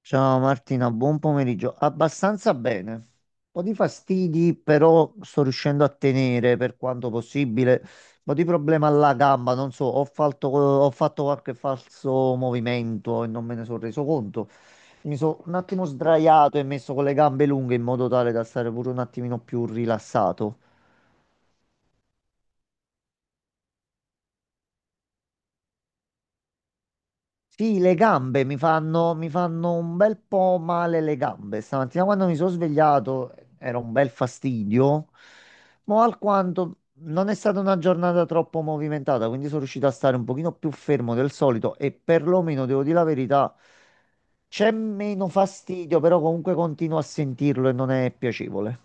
Ciao Martina, buon pomeriggio. Abbastanza bene. Un po' di fastidi, però sto riuscendo a tenere per quanto possibile. Un po' di problema alla gamba, non so, ho fatto qualche falso movimento e non me ne sono reso conto. Mi sono un attimo sdraiato e messo con le gambe lunghe in modo tale da stare pure un attimino più rilassato. Sì, le gambe mi fanno un bel po' male le gambe. Stamattina quando mi sono svegliato era un bel fastidio, ma alquanto non è stata una giornata troppo movimentata, quindi sono riuscito a stare un pochino più fermo del solito e perlomeno, devo dire la verità, c'è meno fastidio, però comunque continuo a sentirlo e non è piacevole.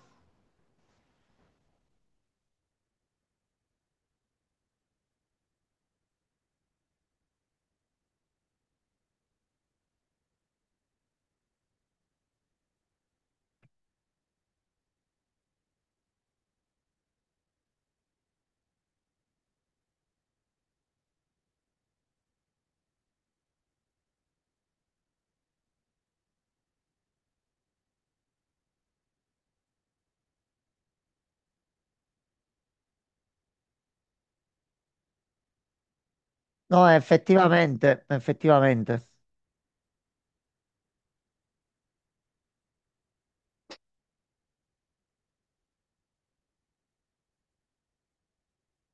No, effettivamente.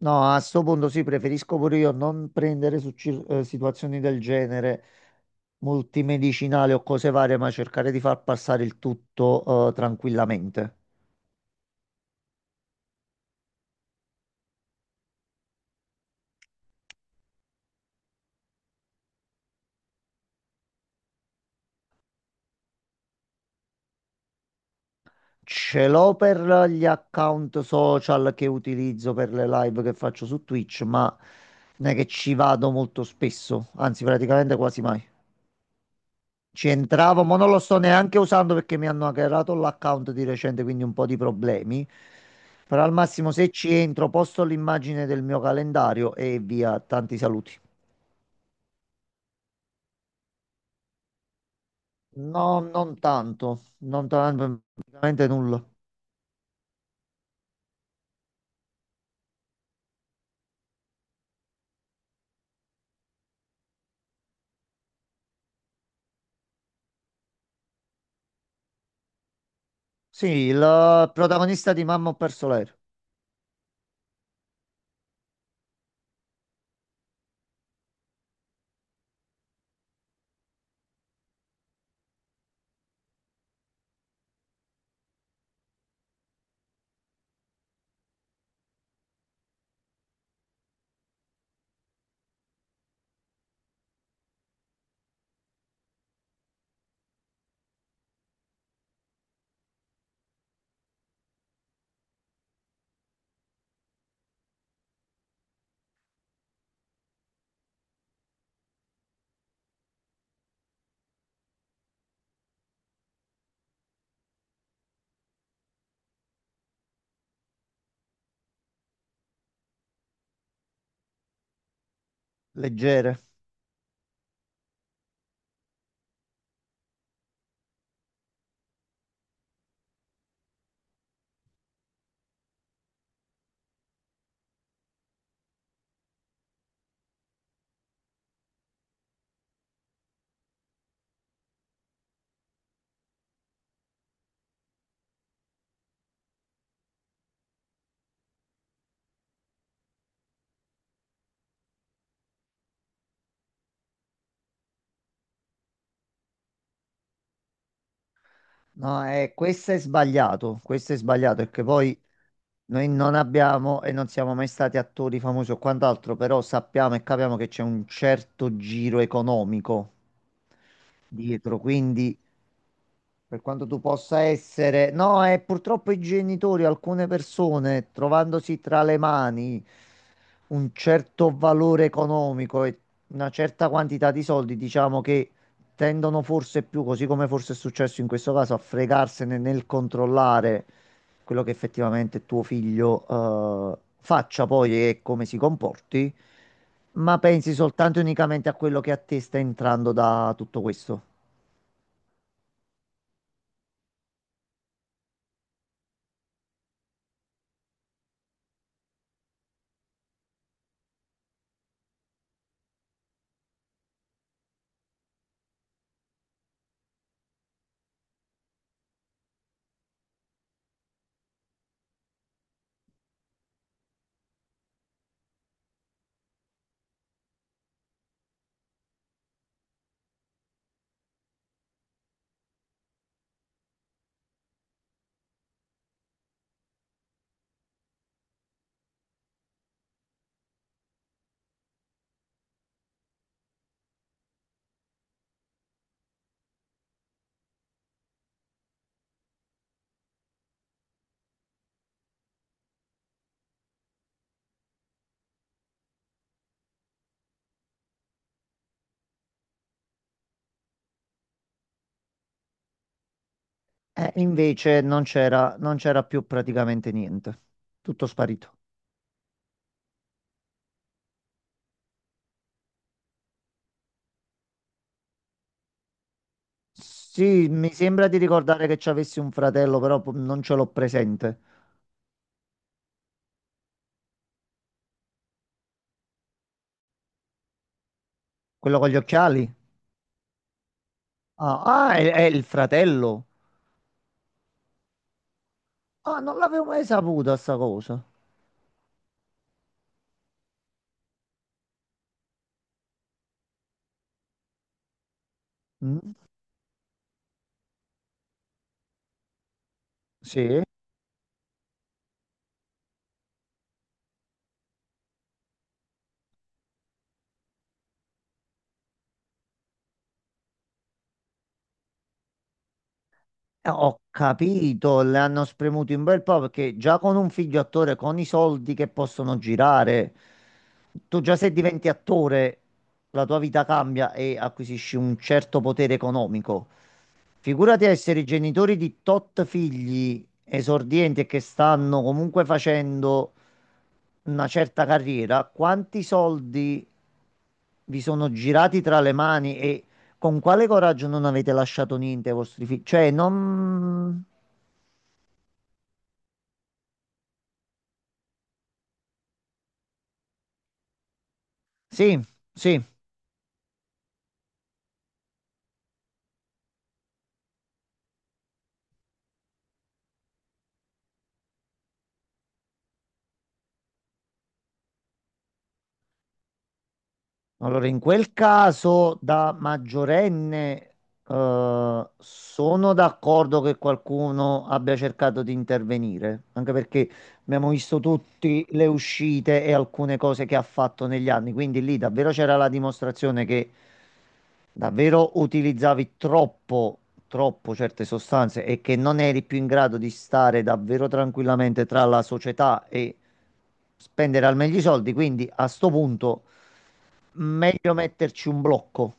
No, a sto punto sì, preferisco pure io non prendere situazioni del genere multimedicinali o cose varie, ma cercare di far passare il tutto tranquillamente. Ce l'ho per gli account social che utilizzo per le live che faccio su Twitch, ma non è che ci vado molto spesso, anzi praticamente quasi mai. Ci entravo, ma non lo sto neanche usando perché mi hanno hackerato l'account di recente, quindi un po' di problemi. Però al massimo se ci entro posto l'immagine del mio calendario e via, tanti saluti. No, non tanto, praticamente nulla. Sì, il protagonista di Mamma ho perso l'aereo, leggere. No, questo è sbagliato perché poi noi non abbiamo e non siamo mai stati attori famosi o quant'altro, però sappiamo e capiamo che c'è un certo giro economico dietro, quindi per quanto tu possa essere, no, è purtroppo i genitori, alcune persone, trovandosi tra le mani un certo valore economico e una certa quantità di soldi, diciamo che tendono forse più, così come forse è successo in questo caso, a fregarsene nel controllare quello che effettivamente tuo figlio faccia poi e come si comporti, ma pensi soltanto e unicamente a quello che a te sta entrando da tutto questo. Invece non c'era più praticamente niente, tutto sparito. Sì, mi sembra di ricordare che ci avessi un fratello, però non ce l'ho presente. Quello con gli occhiali? Ah, ah, è il fratello. Ah, non l'avevo mai saputa sta cosa. Mm, sì. Ho capito, le hanno spremuto un bel po' perché già con un figlio attore, con i soldi che possono girare, tu già se diventi attore, la tua vita cambia e acquisisci un certo potere economico. Figurati a essere i genitori di tot figli esordienti e che stanno comunque facendo una certa carriera, quanti soldi vi sono girati tra le mani e con quale coraggio non avete lasciato niente ai vostri figli? Cioè, non... Sì, sì. Allora, in quel caso da maggiorenne, sono d'accordo che qualcuno abbia cercato di intervenire, anche perché abbiamo visto tutte le uscite e alcune cose che ha fatto negli anni, quindi lì davvero c'era la dimostrazione che davvero utilizzavi troppo certe sostanze e che non eri più in grado di stare davvero tranquillamente tra la società e spendere al meglio i soldi, quindi a sto punto... Meglio metterci un blocco.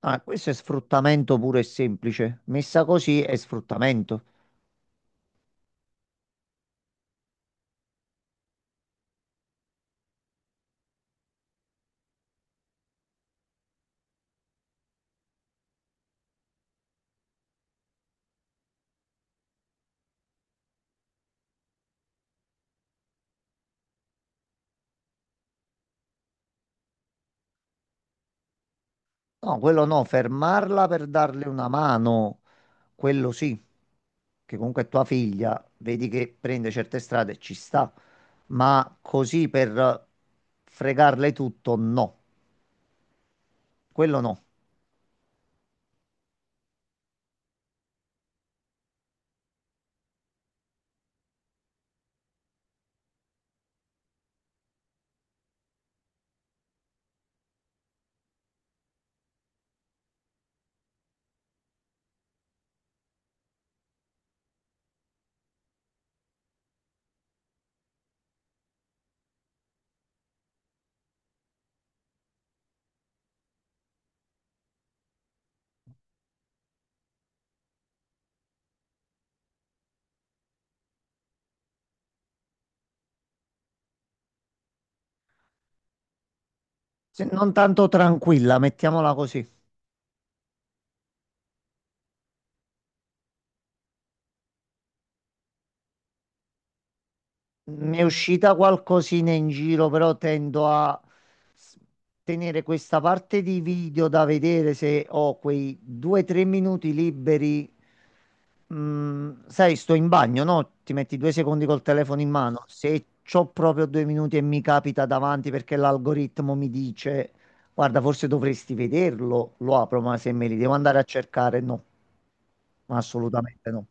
Ah, questo è sfruttamento puro e semplice. Messa così è sfruttamento. No, quello no, fermarla per darle una mano, quello sì, che comunque è tua figlia, vedi che prende certe strade, ci sta, ma così per fregarle tutto, no, quello no. Se non tanto tranquilla, mettiamola così. Mi è uscita qualcosina in giro, però tendo a s- tenere questa parte di video da vedere se ho quei 2 o 3 minuti liberi. Mm, sai, sto in bagno, no? Ti metti 2 secondi col telefono in mano. Se c'ho proprio 2 minuti e mi capita davanti perché l'algoritmo mi dice, guarda, forse dovresti vederlo, lo apro, ma se me li devo andare a cercare, no, assolutamente no.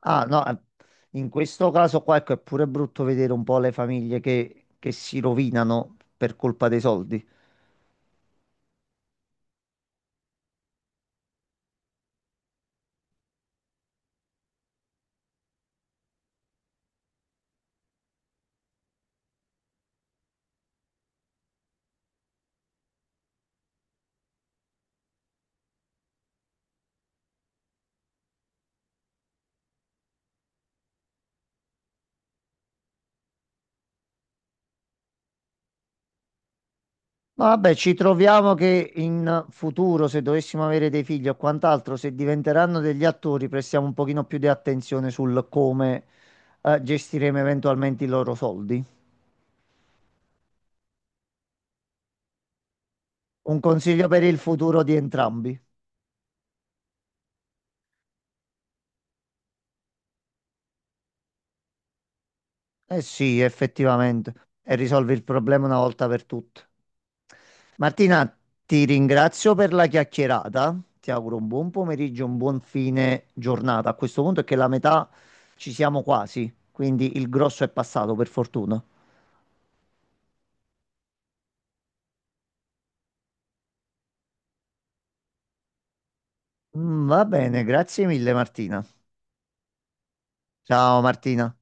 Ah, no, in questo caso qua, ecco, è pure brutto vedere un po' le famiglie che si rovinano per colpa dei soldi. Ma vabbè, ci troviamo che in futuro, se dovessimo avere dei figli o quant'altro, se diventeranno degli attori, prestiamo un pochino più di attenzione sul come, gestiremo eventualmente i loro soldi. Un consiglio per il futuro di entrambi. Eh sì, effettivamente, e risolvi il problema una volta per tutte. Martina, ti ringrazio per la chiacchierata. Ti auguro un buon pomeriggio, un buon fine giornata. A questo punto è che la metà ci siamo quasi, quindi il grosso è passato, per fortuna. Mm, va bene, grazie mille Martina. Ciao Martina.